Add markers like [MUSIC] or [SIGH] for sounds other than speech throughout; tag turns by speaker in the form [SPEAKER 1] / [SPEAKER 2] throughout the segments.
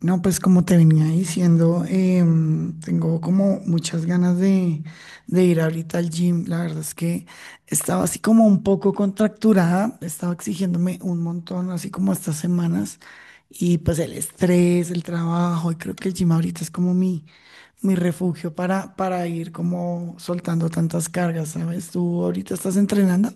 [SPEAKER 1] No, pues como te venía diciendo, tengo como muchas ganas de ir ahorita al gym. La verdad es que estaba así como un poco contracturada, estaba exigiéndome un montón, así como estas semanas. Y pues el estrés, el trabajo, y creo que el gym ahorita es como mi refugio para ir como soltando tantas cargas, ¿sabes? ¿Tú ahorita estás entrenando?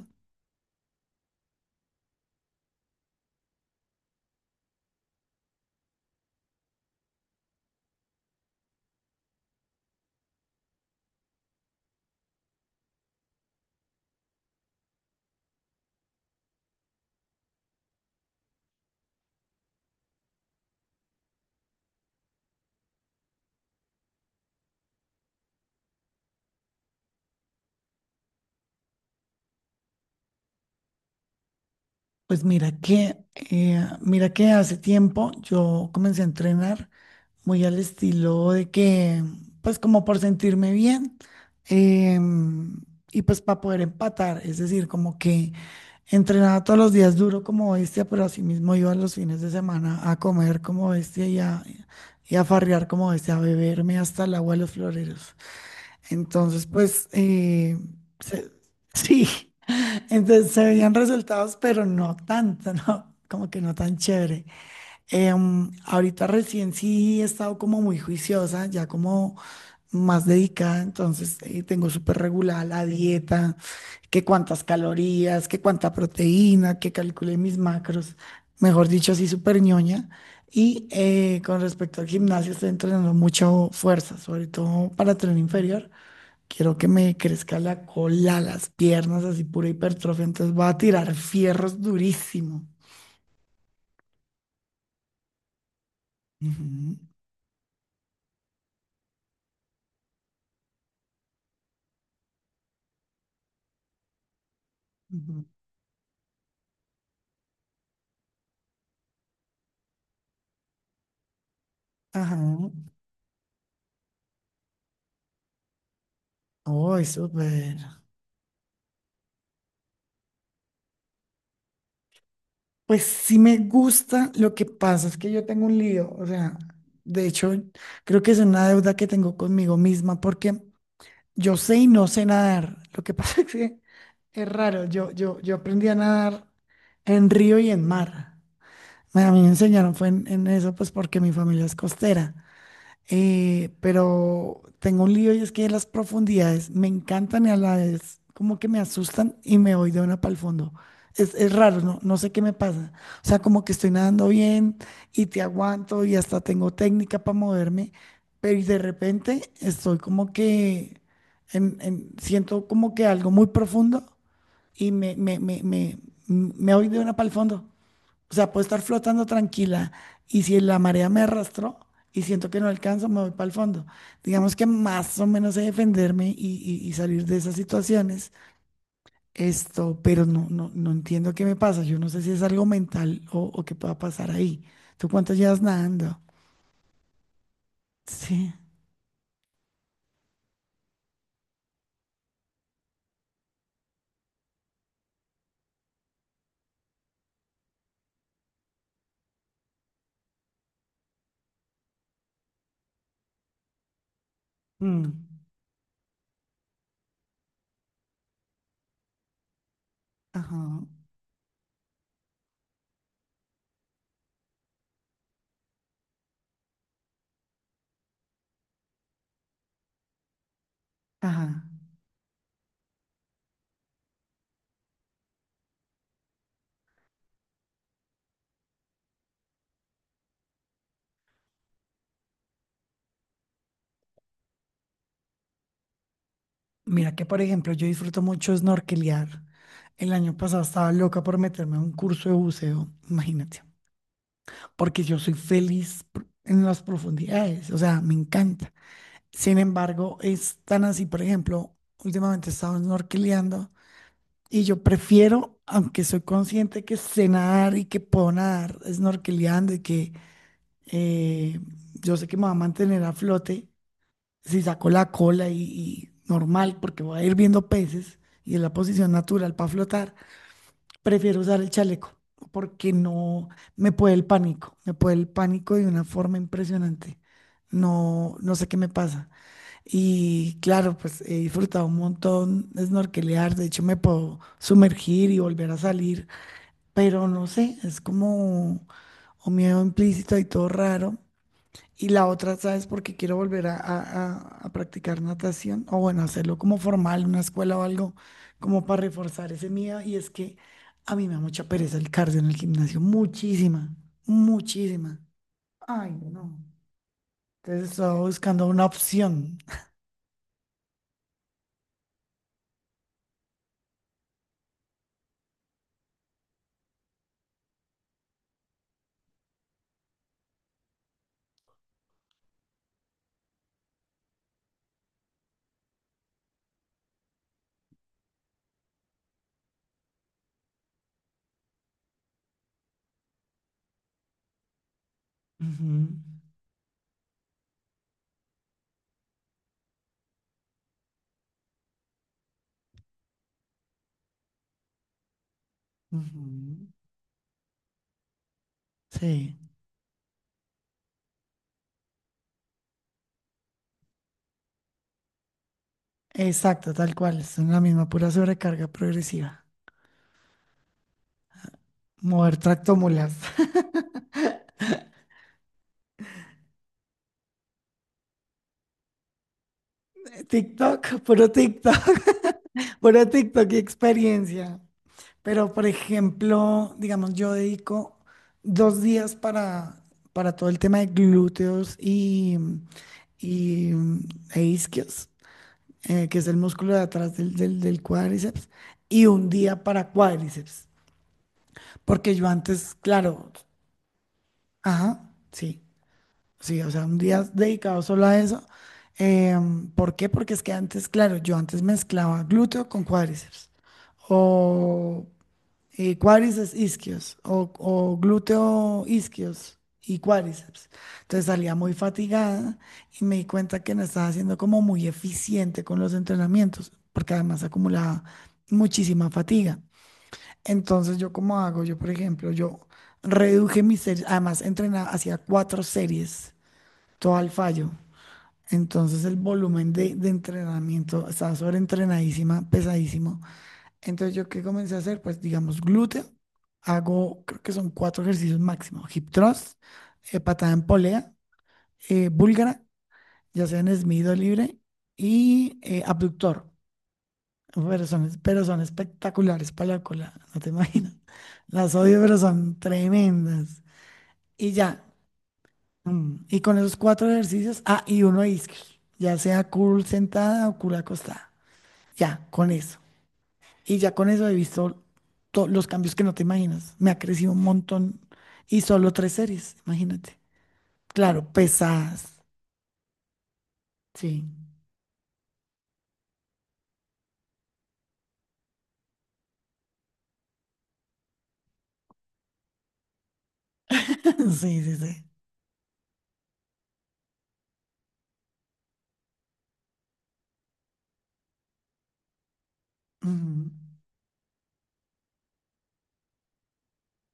[SPEAKER 1] Pues mira que hace tiempo yo comencé a entrenar muy al estilo de que, pues como por sentirme bien, em, y pues para poder empatar, es decir, como que entrenaba todos los días duro como bestia, pero asimismo iba los fines de semana a comer como bestia y a farrear como bestia, a beberme hasta el agua de los floreros. Entonces, pues se- [LAUGHS] sí, entonces se veían resultados, pero no tanto, ¿no? Como que no tan chévere. Ahorita recién sí he estado como muy juiciosa, ya como más dedicada, entonces tengo súper regulada la dieta, que cuántas calorías, que cuánta proteína, que calculé mis macros, mejor dicho, así súper ñoña. Y con respecto al gimnasio, estoy entrenando mucho fuerza, sobre todo para tren inferior. Quiero que me crezca la cola, las piernas, así pura hipertrofia, entonces voy a tirar fierros durísimo. Ujú, ujú. Ajá. Uy, súper. Pues sí me gusta, lo que pasa es que yo tengo un lío, o sea, de hecho, creo que es una deuda que tengo conmigo misma porque yo sé y no sé nadar. Lo que pasa [LAUGHS] es que es raro, yo aprendí a nadar en río y en mar. A mí me enseñaron fue en eso, pues porque mi familia es costera. Pero tengo un lío y es que las profundidades me encantan y a la vez como que me asustan y me voy de una para el fondo. Es raro, no, no sé qué me pasa. O sea, como que estoy nadando bien y te aguanto y hasta tengo técnica para moverme, pero y de repente estoy como que siento como que algo muy profundo y me voy de una para el fondo. O sea, puedo estar flotando tranquila y si la marea me arrastró y siento que no alcanzo, me voy para el fondo. Digamos que más o menos sé defenderme y salir de esas situaciones. Esto, pero no entiendo qué me pasa. Yo no sé si es algo mental o qué pueda pasar ahí. ¿Tú cuánto llevas nadando? Sí. Mm. Ajá, ajá. Mira que, por ejemplo, yo disfruto mucho snorkelear. El año pasado estaba loca por meterme a un curso de buceo, imagínate. Porque yo soy feliz en las profundidades, o sea, me encanta. Sin embargo, es tan así, por ejemplo, últimamente he estado snorkeleando y yo prefiero, aunque soy consciente que sé nadar y que puedo nadar snorkeleando y que eh, yo sé que me va a mantener a flote, si saco la cola y normal, porque voy a ir viendo peces y es la posición natural para flotar, prefiero usar el chaleco porque no me puede el pánico, me puede el pánico de una forma impresionante. No, no sé qué me pasa. Y claro, pues he disfrutado un montón de snorkelear, de hecho me puedo sumergir y volver a salir, pero no sé, es como un miedo implícito y todo raro. Y la otra, ¿sabes? Porque quiero volver a practicar natación, o bueno, hacerlo como formal, una escuela o algo, como para reforzar ese miedo. Y es que a mí me da mucha pereza el cardio en el gimnasio, muchísima, muchísima. Ay, no. Entonces estaba buscando una opción. Ujú, ujú. Sí, exacto, tal cual. Son la misma pura sobrecarga progresiva. Mover tractomulas. [LAUGHS] TikTok, puro TikTok, [LAUGHS] puro TikTok y experiencia. Pero, por ejemplo, digamos, yo dedico 2 días para todo el tema de glúteos y, mm, e isquios, que es el músculo de atrás del cuádriceps, y un día para cuádriceps. Porque yo antes, claro, ajá, sí, sí, o sea, un día dedicado solo a eso. ¿Por qué? Porque es que antes, claro, yo antes mezclaba glúteo con cuádriceps. O cuádriceps isquios o glúteo isquios y cuádriceps. Entonces salía muy fatigada y me di cuenta que no estaba haciendo como muy eficiente con los entrenamientos, porque además acumulaba muchísima fatiga. Entonces yo como hago, yo por ejemplo, yo reduje mis series, además entrenaba, hacía cuatro series, todo al fallo. Entonces el volumen de entrenamiento estaba sobreentrenadísima, pesadísimo. Entonces, ¿yo qué comencé a hacer? Pues, digamos, glúteo. Hago, creo que son cuatro ejercicios máximo. Hip thrust, patada en polea, búlgara, ya sea en Smith o libre, y abductor. Pero son espectaculares para la cola, no te [LAUGHS] imaginas. Las odio, pero son tremendas. Y ya. Y con esos cuatro ejercicios, y uno de isquios, ya sea curl sentada o curl acostada. Ya, con eso. Y ya con eso he visto todos los cambios que no te imaginas. Me ha crecido un montón y solo tres series, imagínate. Claro, pesadas. Sí. [LAUGHS] Sí, sí, sí. Ujú,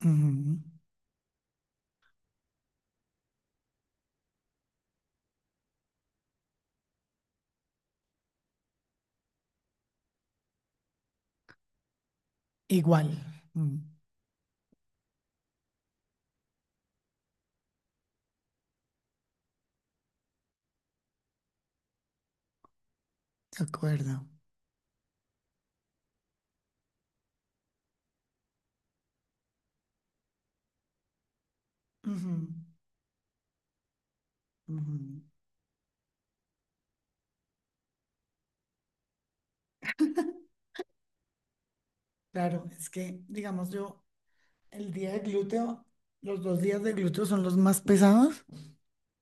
[SPEAKER 1] ujú. Igual. mm, De acuerdo. Ujú, ujú. Claro, es que, digamos, yo el día de glúteo, los 2 días de glúteo son los más pesados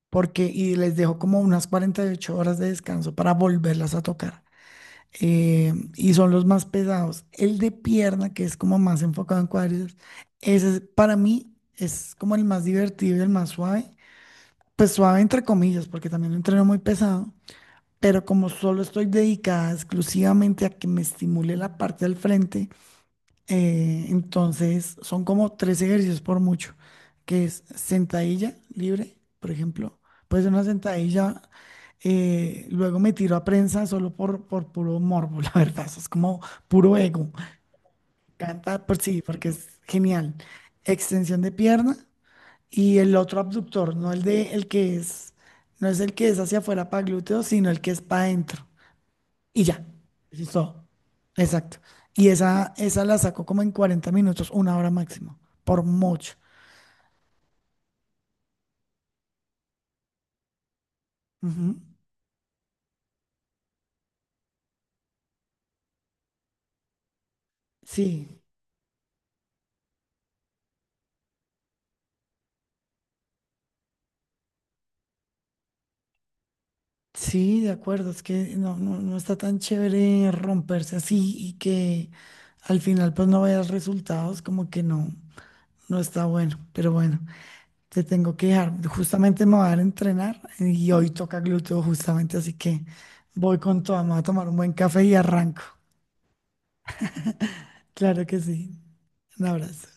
[SPEAKER 1] porque y les dejo como unas 48 horas de descanso para volverlas a tocar. Y son los más pesados. El de pierna, que es como más enfocado en cuádriceps, para mí es como el más divertido y el más suave. Pues suave entre comillas, porque también lo entreno muy pesado, pero como solo estoy dedicada exclusivamente a que me estimule la parte del frente, entonces, son como tres ejercicios por mucho, que es sentadilla libre, por ejemplo. Puede ser una sentadilla, luego me tiro a prensa solo por puro morbo, [LAUGHS] la verdad, eso es como puro ego. Canta por sí, porque es genial. Extensión de pierna y el otro abductor, no el de el que es, no es el que es hacia afuera para glúteos, sino el que es para adentro y ya. Eso es todo. Exacto. Y esa la saco como en 40 minutos, una hora máximo, por mucho. Ujú. Sí, sí, de acuerdo. Es que no está tan chévere romperse así y que al final pues no veas resultados, como que no está bueno. Pero bueno, te tengo que dejar. Justamente me voy a dar a entrenar y hoy toca glúteo justamente, así que voy con todo. Me voy a tomar un buen café y arranco. Claro que sí. Un abrazo.